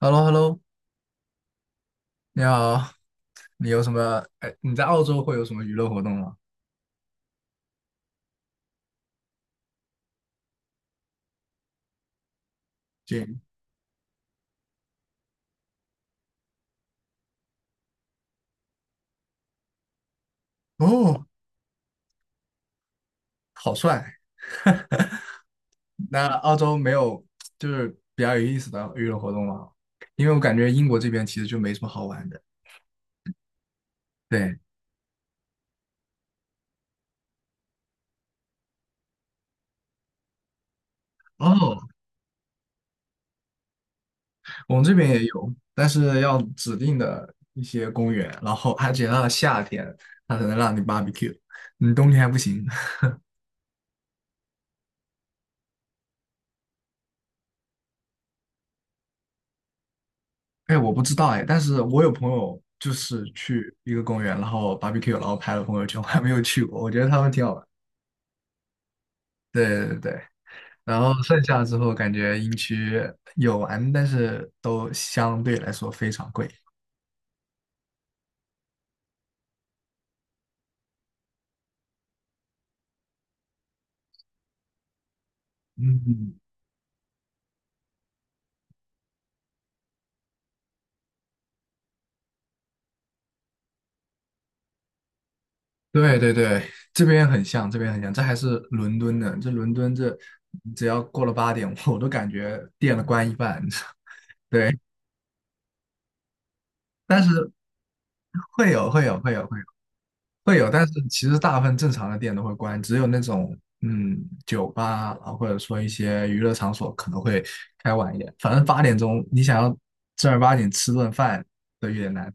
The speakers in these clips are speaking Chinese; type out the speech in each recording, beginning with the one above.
h e l l o h e l l o 你好，你有什么？哎，你在澳洲会有什么娱乐活动吗？m 哦，好帅！那澳洲没有，就是比较有意思的娱乐活动吗？因为我感觉英国这边其实就没什么好玩的。对，哦，我们这边也有，但是要指定的一些公园，然后而且到了夏天，它才能让你 barbecue,你冬天还不行。哎，我不知道哎，但是我有朋友就是去一个公园，然后 barbecue,然后拍了朋友圈，我还没有去过，我觉得他们挺好玩。对，然后剩下之后感觉营区有玩，但是都相对来说非常贵。嗯，对，这边很像这还是伦敦的。这伦敦这，只要过了八点，我都感觉店了关一半。对，但是会有。会有，但是其实大部分正常的店都会关，只有那种，酒吧啊，或者说一些娱乐场所可能会开晚一点。反正八点钟你想要正儿八经吃顿饭都有点难。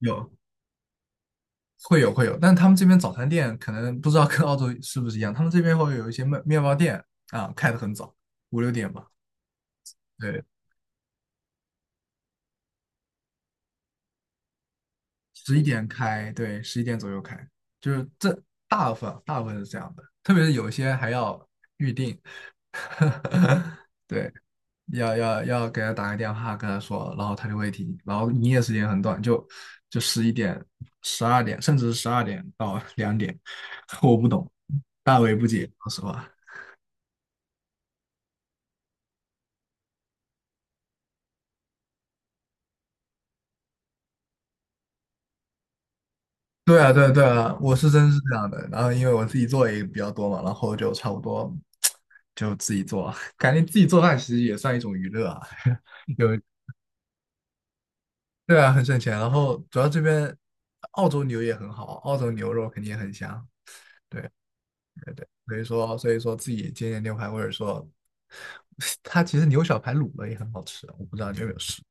有，会有，但他们这边早餐店可能不知道跟澳洲是不是一样，他们这边会有一些面包店啊，开得很早，五六点吧，对，十一点开，对，十一点左右开，就是这，大部分是这样的，特别是有一些还要预定，对。要给他打个电话跟他说，然后他就会停。然后营业时间很短，就就十一点、十二点，甚至是十二点到 两点，我不懂，大为不解，说实话。对啊，对啊，我是真是这样的。然后因为我自己做也比较多嘛，然后就差不多就自己做，感觉自己做饭其实也算一种娱乐啊。有，对啊，很省钱。然后主要这边澳洲牛也很好，澳洲牛肉肯定也很香。对，对对，所以说自己煎煎牛排，或者说 它其实牛小排卤了也很好吃，我不知道你有没有试。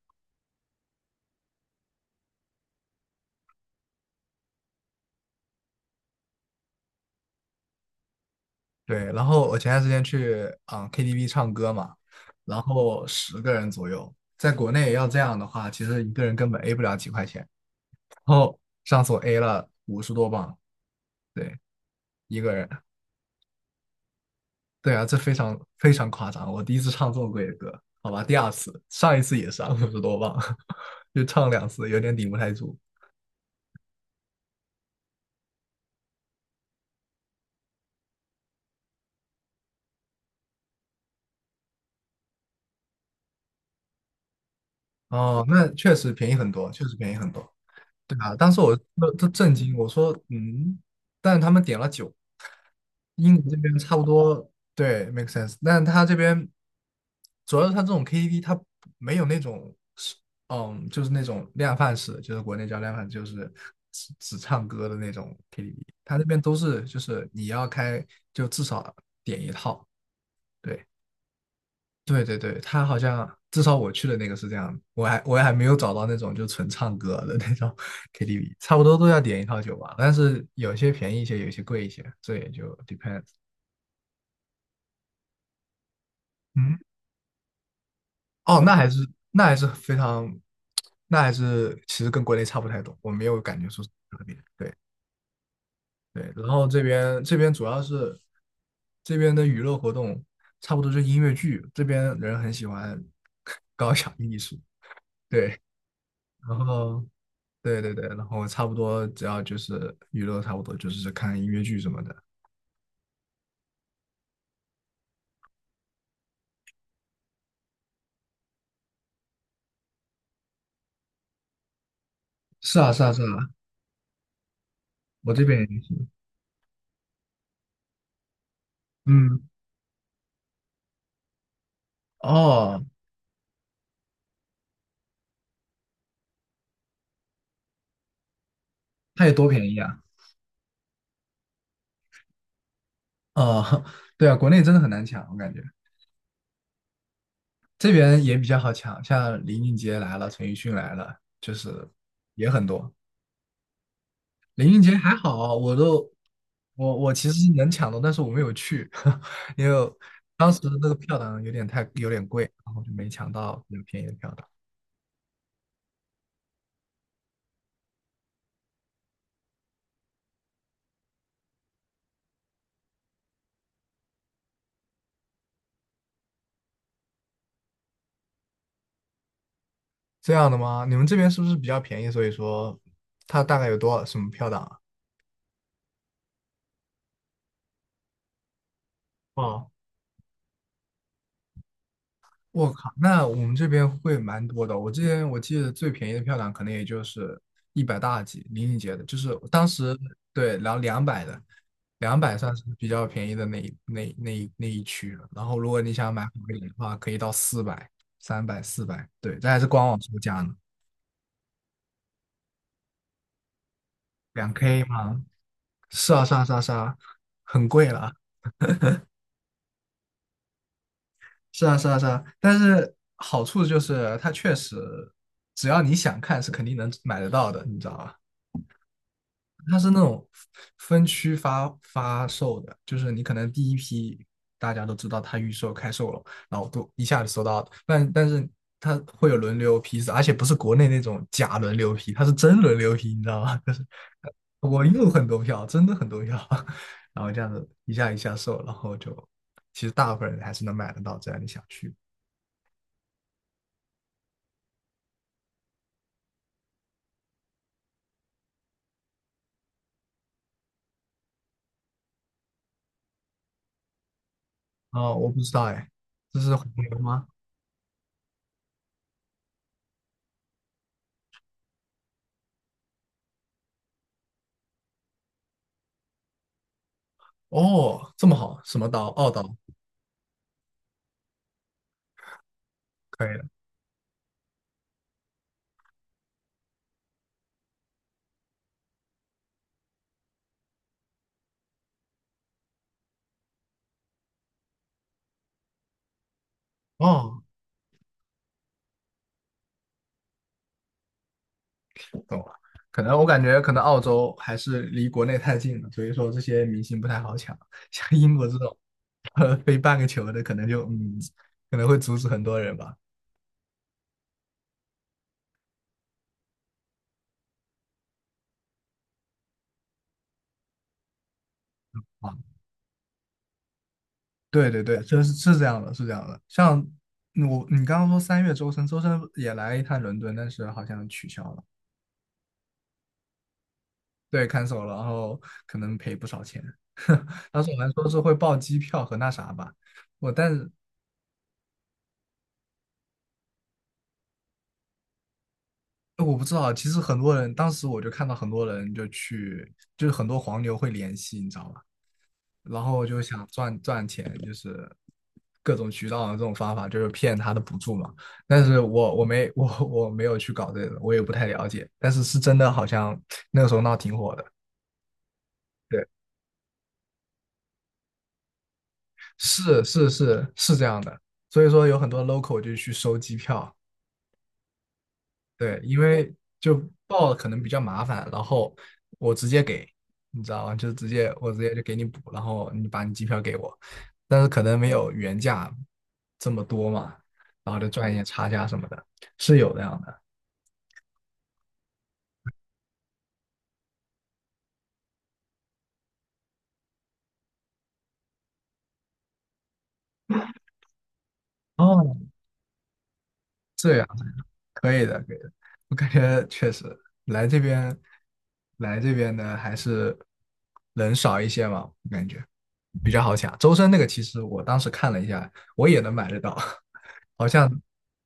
对，然后我前段时间去啊、KTV 唱歌嘛，然后十个人左右，在国内要这样的话，其实一个人根本 A 不了几块钱。然后上次我 A 了五十多磅，对，一个人。对啊，这非常非常夸张，我第一次唱这么贵的歌，好吧，第二次，上一次也是啊五十多磅，就唱两次有点顶不太住。哦，那确实便宜很多，确实便宜很多。对啊，当时我都震惊，我说嗯，但他们点了酒，英国这边差不多，对，make sense。但他这边主要是他这种 KTV,他没有那种是嗯，就是那种量贩式，就是国内叫量贩，就是只唱歌的那种 KTV。他那边都是就是你要开，就至少点一套，对，对，他好像至少我去的那个是这样，我还没有找到那种就纯唱歌的那种 KTV,差不多都要点一套酒吧，但是有些便宜一些，有些贵一些，这也就 depends。嗯，哦，那还是，那还是非常，那还是其实跟国内差不太多，我没有感觉说是特别。对对，然后这边主要是这边的娱乐活动差不多就音乐剧，这边人很喜欢 搞小艺术，对。然后对，然后差不多只要就是娱乐，差不多就是看音乐剧什么的。是啊，我这边也是嗯，哦，它有多便宜啊？哦，对啊，国内真的很难抢，我感觉这边也比较好抢，像林俊杰来了，陈奕迅来了，就是也很多。林俊杰还好，我都我我其实是能抢到，但是我没有去，因为当时那个票呢有点贵，然后就没抢到比较便宜的票。这样的吗？你们这边是不是比较便宜？所以说它大概有多少什么票档啊？哦，我靠，那我们这边会蛮多的。我之前我记得最便宜的票档可能也就是一百大几，林俊杰的，就是我当时对，然后两百的，两百算是比较便宜的那一那那一那一区了。然后如果你想买好一点的话，可以到四百、三百、四百，对，这还是官网售价呢，两 K 吗？是啊很贵了。是啊但是好处就是它确实，只要你想看，是肯定能买得到的，你知道吧？它是那种分区发售的，就是你可能第一批大家都知道它预售开售了，然后都一下子收到，但但是它会有轮流批次，而且不是国内那种假轮流批，它是真轮流批，你知道吗？就是我又很多票，真的很多票，然后这样子一下一下售，然后就其实大部分人还是能买得到，只要你想去。啊，我不知道哎，这是红牛吗？哦，这么好，什么岛？澳岛可以的。哦，懂了。可能我感觉可能澳洲还是离国内太近了，所以说这些明星不太好抢。像英国这种，呃，飞半个球的，可能就嗯，可能会阻止很多人吧。啊，对，这是是这样的，是这样的。像嗯我，你刚刚说三月周深，周深也来一趟伦敦，但是好像取消了。对，看守了，然后可能赔不少钱。当时我们说是会报机票和那啥吧，我但是我不知道，其实很多人当时我就看到很多人就去，就是很多黄牛会联系，你知道吧？然后就想赚赚钱，就是各种渠道的这种方法，就是骗他的补助嘛。但是我没有去搞这个，我也不太了解。但是是真的，好像那个时候闹挺火的。对，是这样的，所以说有很多 local 就去收机票。对，因为就报可能比较麻烦，然后我直接给，你知道吗？就我直接就给你补，然后你把你机票给我，但是可能没有原价这么多嘛，然后就赚一些差价什么的，是有这样的。哦，这样可以的，可以的。我感觉确实，来这边，来这边的还是人少一些嘛，我感觉比较好抢。周深那个其实我当时看了一下，我也能买得到。好像，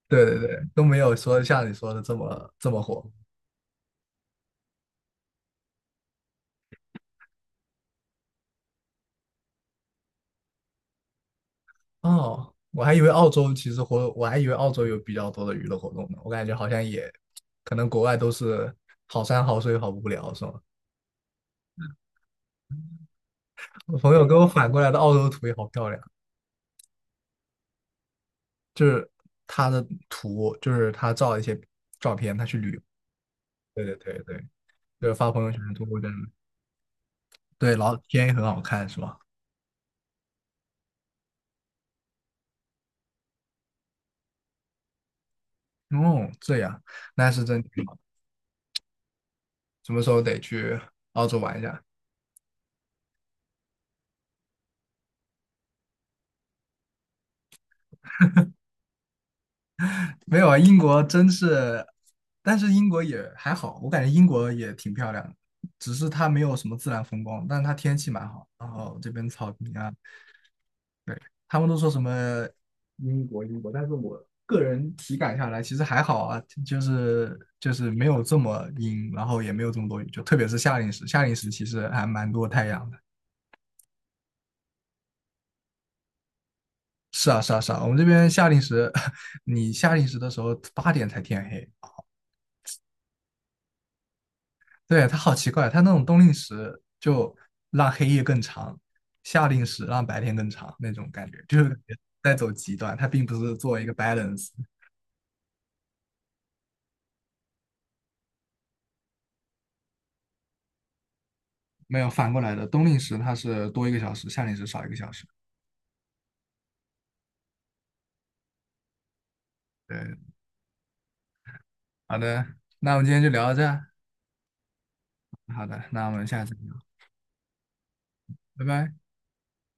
对，都没有说像你说的这么火哦。我还以为澳洲其实活，我还以为澳洲有比较多的娱乐活动呢。我感觉好像也，可能国外都是好山好水好无聊，是吗？我朋友给我反过来的澳洲图也好漂亮，就是他的图，就是他照了一些照片，他去旅游。对，就是发朋友圈通过这样的，对，然后天也很好看，是吧？哦，这样，那是真挺好，什么时候得去澳洲玩一下？没有啊，英国真是，但是英国也还好，我感觉英国也挺漂亮的，只是它没有什么自然风光，但是它天气蛮好，然后这边草坪啊，对，他们都说什么英国，但是我个人体感下来其实还好啊，就是没有这么阴，然后也没有这么多雨，就特别是夏令时，夏令时其实还蛮多太阳的。是啊，我们这边夏令时，你夏令时的时候八点才天黑，对，它好奇怪，它那种冬令时就让黑夜更长，夏令时让白天更长那种感觉，就是感觉在走极端，它并不是做一个 balance,没有反过来的。冬令时它是多一个小时，夏令时少一个小时。对，好的，那我们今天就聊到这儿，好的，那我们下次聊，拜拜。